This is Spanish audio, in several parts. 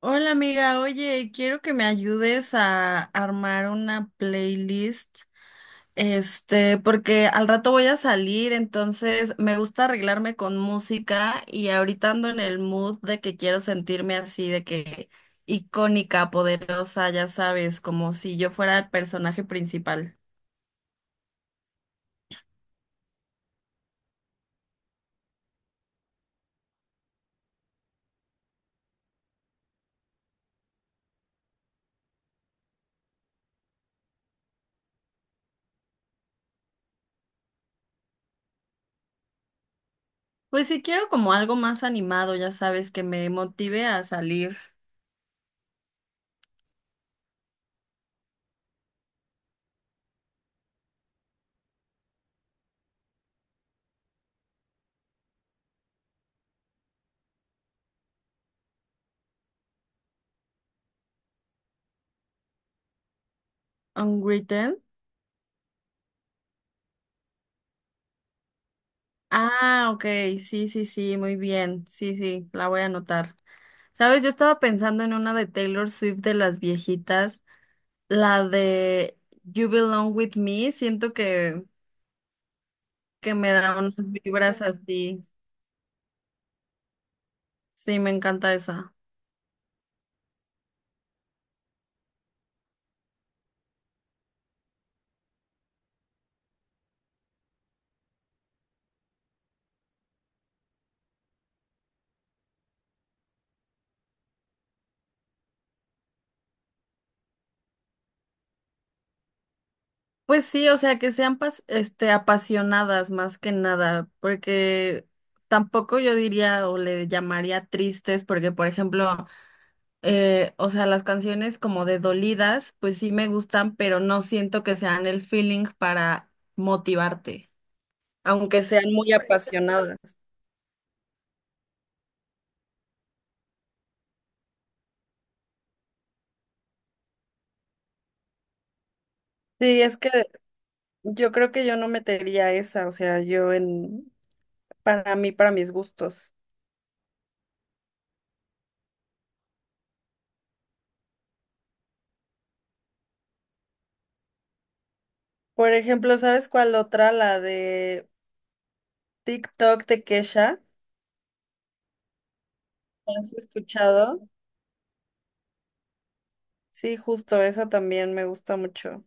Hola amiga, oye, quiero que me ayudes a armar una playlist, porque al rato voy a salir, entonces me gusta arreglarme con música y ahorita ando en el mood de que quiero sentirme así, de que icónica, poderosa, ya sabes, como si yo fuera el personaje principal. Pues sí quiero como algo más animado, ya sabes, que me motive a salir. Unwritten. Ah, ok, sí, sí, sí, muy bien, sí, sí, la voy a anotar. Sabes, yo estaba pensando en una de Taylor Swift de las viejitas, la de You Belong With Me, siento que me da unas vibras así, sí, me encanta esa. Pues sí, o sea, que sean apasionadas más que nada, porque tampoco yo diría o le llamaría tristes, porque por ejemplo... o sea, las canciones como de dolidas, pues sí me gustan, pero no siento que sean el feeling para motivarte, aunque sean muy apasionadas. Sí, es que yo creo que yo no metería esa, o sea, para mí, para mis gustos. Por ejemplo, ¿sabes cuál otra? La de TikTok de Kesha. ¿La ¿Has escuchado? Sí, justo esa también me gusta mucho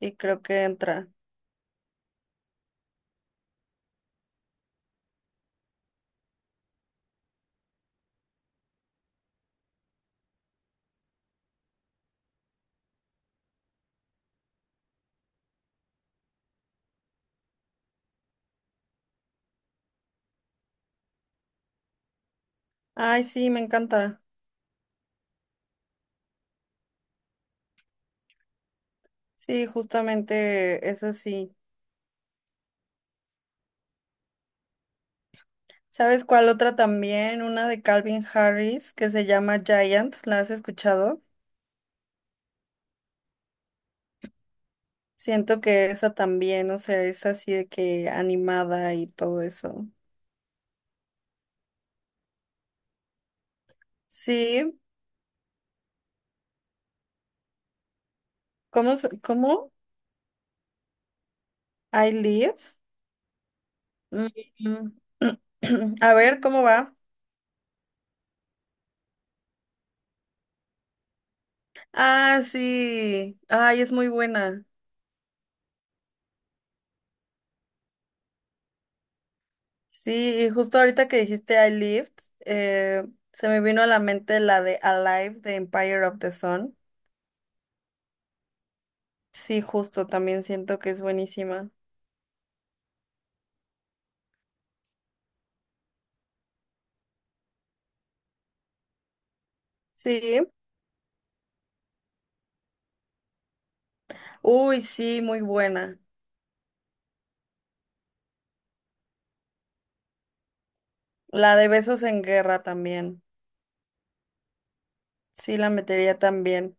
y creo que entra. Ay, sí, me encanta. Sí, justamente esa sí. ¿Sabes cuál otra también? Una de Calvin Harris que se llama Giant, ¿la has escuchado? Siento que esa también, o sea, es así de que animada y todo eso. Sí, ¿cómo? ¿Cómo? I live. Mm, mm. A ver, ¿cómo va? Ah, sí. Ay, es muy buena. Sí, y justo ahorita que dijiste I lived, eh, se me vino a la mente la de Alive de Empire of the Sun. Sí, justo, también siento que es buenísima. Sí. Uy, sí, muy buena. La de Besos en Guerra también. Sí, la metería también.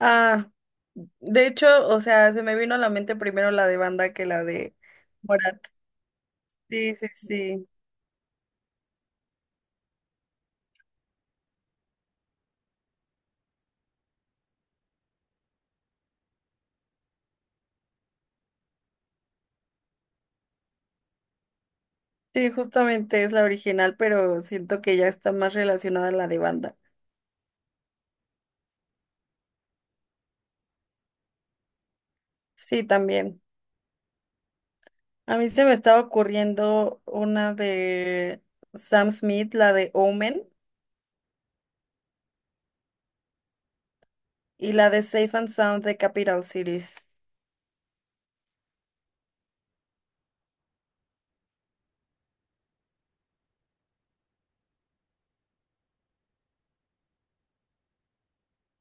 Ah, de hecho, o sea, se me vino a la mente primero la de Banda que la de Morat. Sí, sí, sí. Sí, justamente es la original, pero siento que ya está más relacionada a la de Banda. Sí, también. A mí se me estaba ocurriendo una de Sam Smith, la de Omen, y la de Safe and Sound de Capital Cities.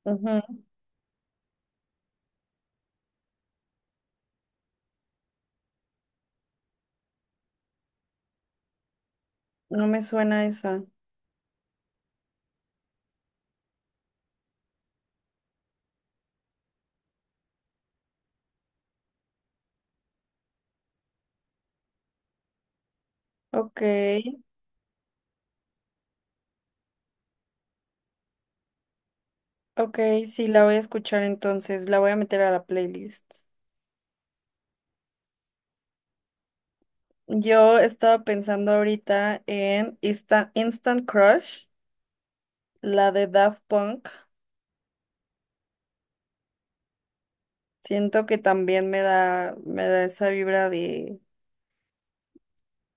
Ujú. No me suena esa. Ok, ok, sí, la voy a escuchar entonces, la voy a meter a la playlist. Yo estaba pensando ahorita en Instant Crush, la de Daft Punk. Siento que también me da esa vibra de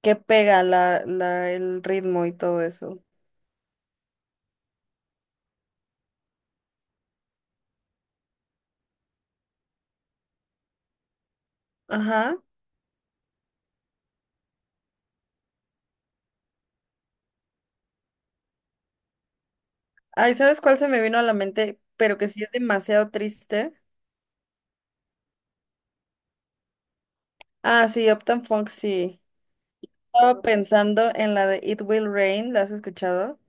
que pega el ritmo y todo eso. Ajá. Ay, ¿sabes cuál se me vino a la mente? Pero que sí es demasiado triste. Ah, sí, Uptown Funk, sí. Estaba pensando en la de It Will Rain, ¿la has escuchado?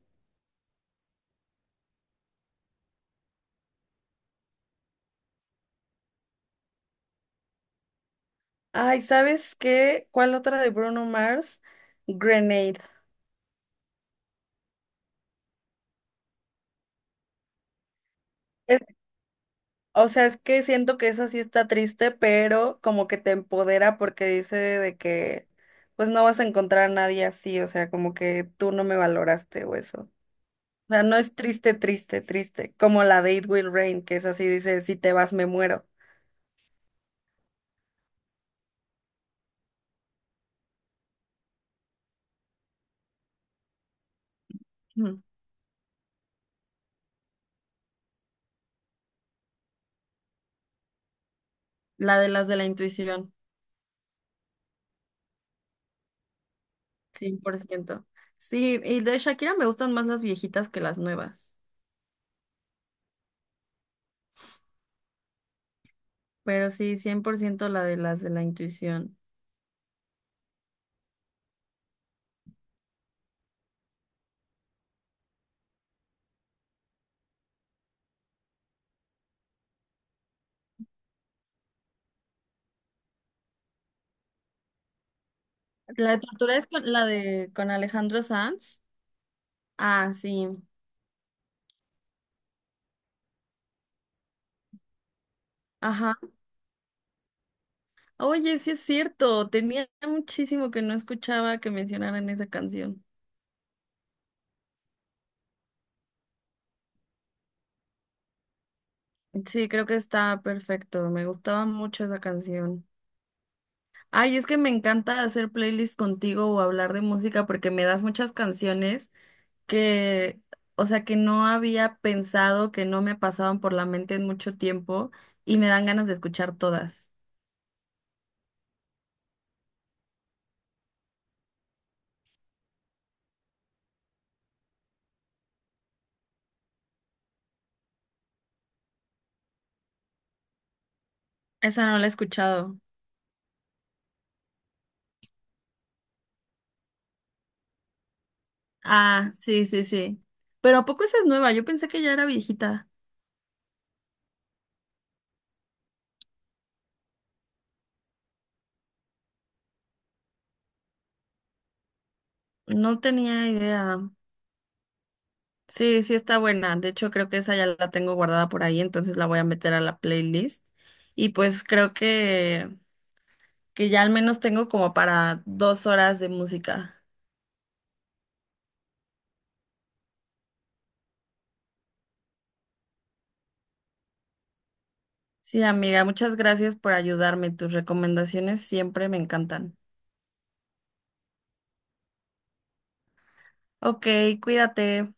Ay, ¿sabes qué? ¿Cuál otra de Bruno Mars? Grenade. Es- o sea, es que siento que esa sí está triste, pero como que te empodera porque dice de que pues no vas a encontrar a nadie así, o sea, como que tú no me valoraste o eso. O sea, no es triste, triste, triste, como la de It Will Rain, que es así, dice, si te vas me muero. Ujú. La de las de la intuición, 100%. Sí, y de Shakira me gustan más las viejitas que las nuevas. Pero sí, 100% la de las de la intuición. La de tortura es la de con Alejandro Sanz. Ah, sí. Ajá. Oye, sí es cierto. Tenía muchísimo que no escuchaba que mencionaran esa canción. Sí, creo que está perfecto. Me gustaba mucho esa canción. Ay, es que me encanta hacer playlists contigo o hablar de música porque me das muchas canciones que, o sea, que no había pensado, que no me pasaban por la mente en mucho tiempo y me dan ganas de escuchar todas. Esa no la he escuchado. Ah, sí, sí, sí. Pero ¿a poco esa es nueva? Yo pensé que ya era viejita. No tenía idea. Sí, sí está buena. De hecho, creo que esa ya la tengo guardada por ahí, entonces la voy a meter a la playlist. Y pues creo que ya al menos tengo como para 2 horas de música. Sí, amiga, muchas gracias por ayudarme. Tus recomendaciones siempre me encantan. Ok, cuídate.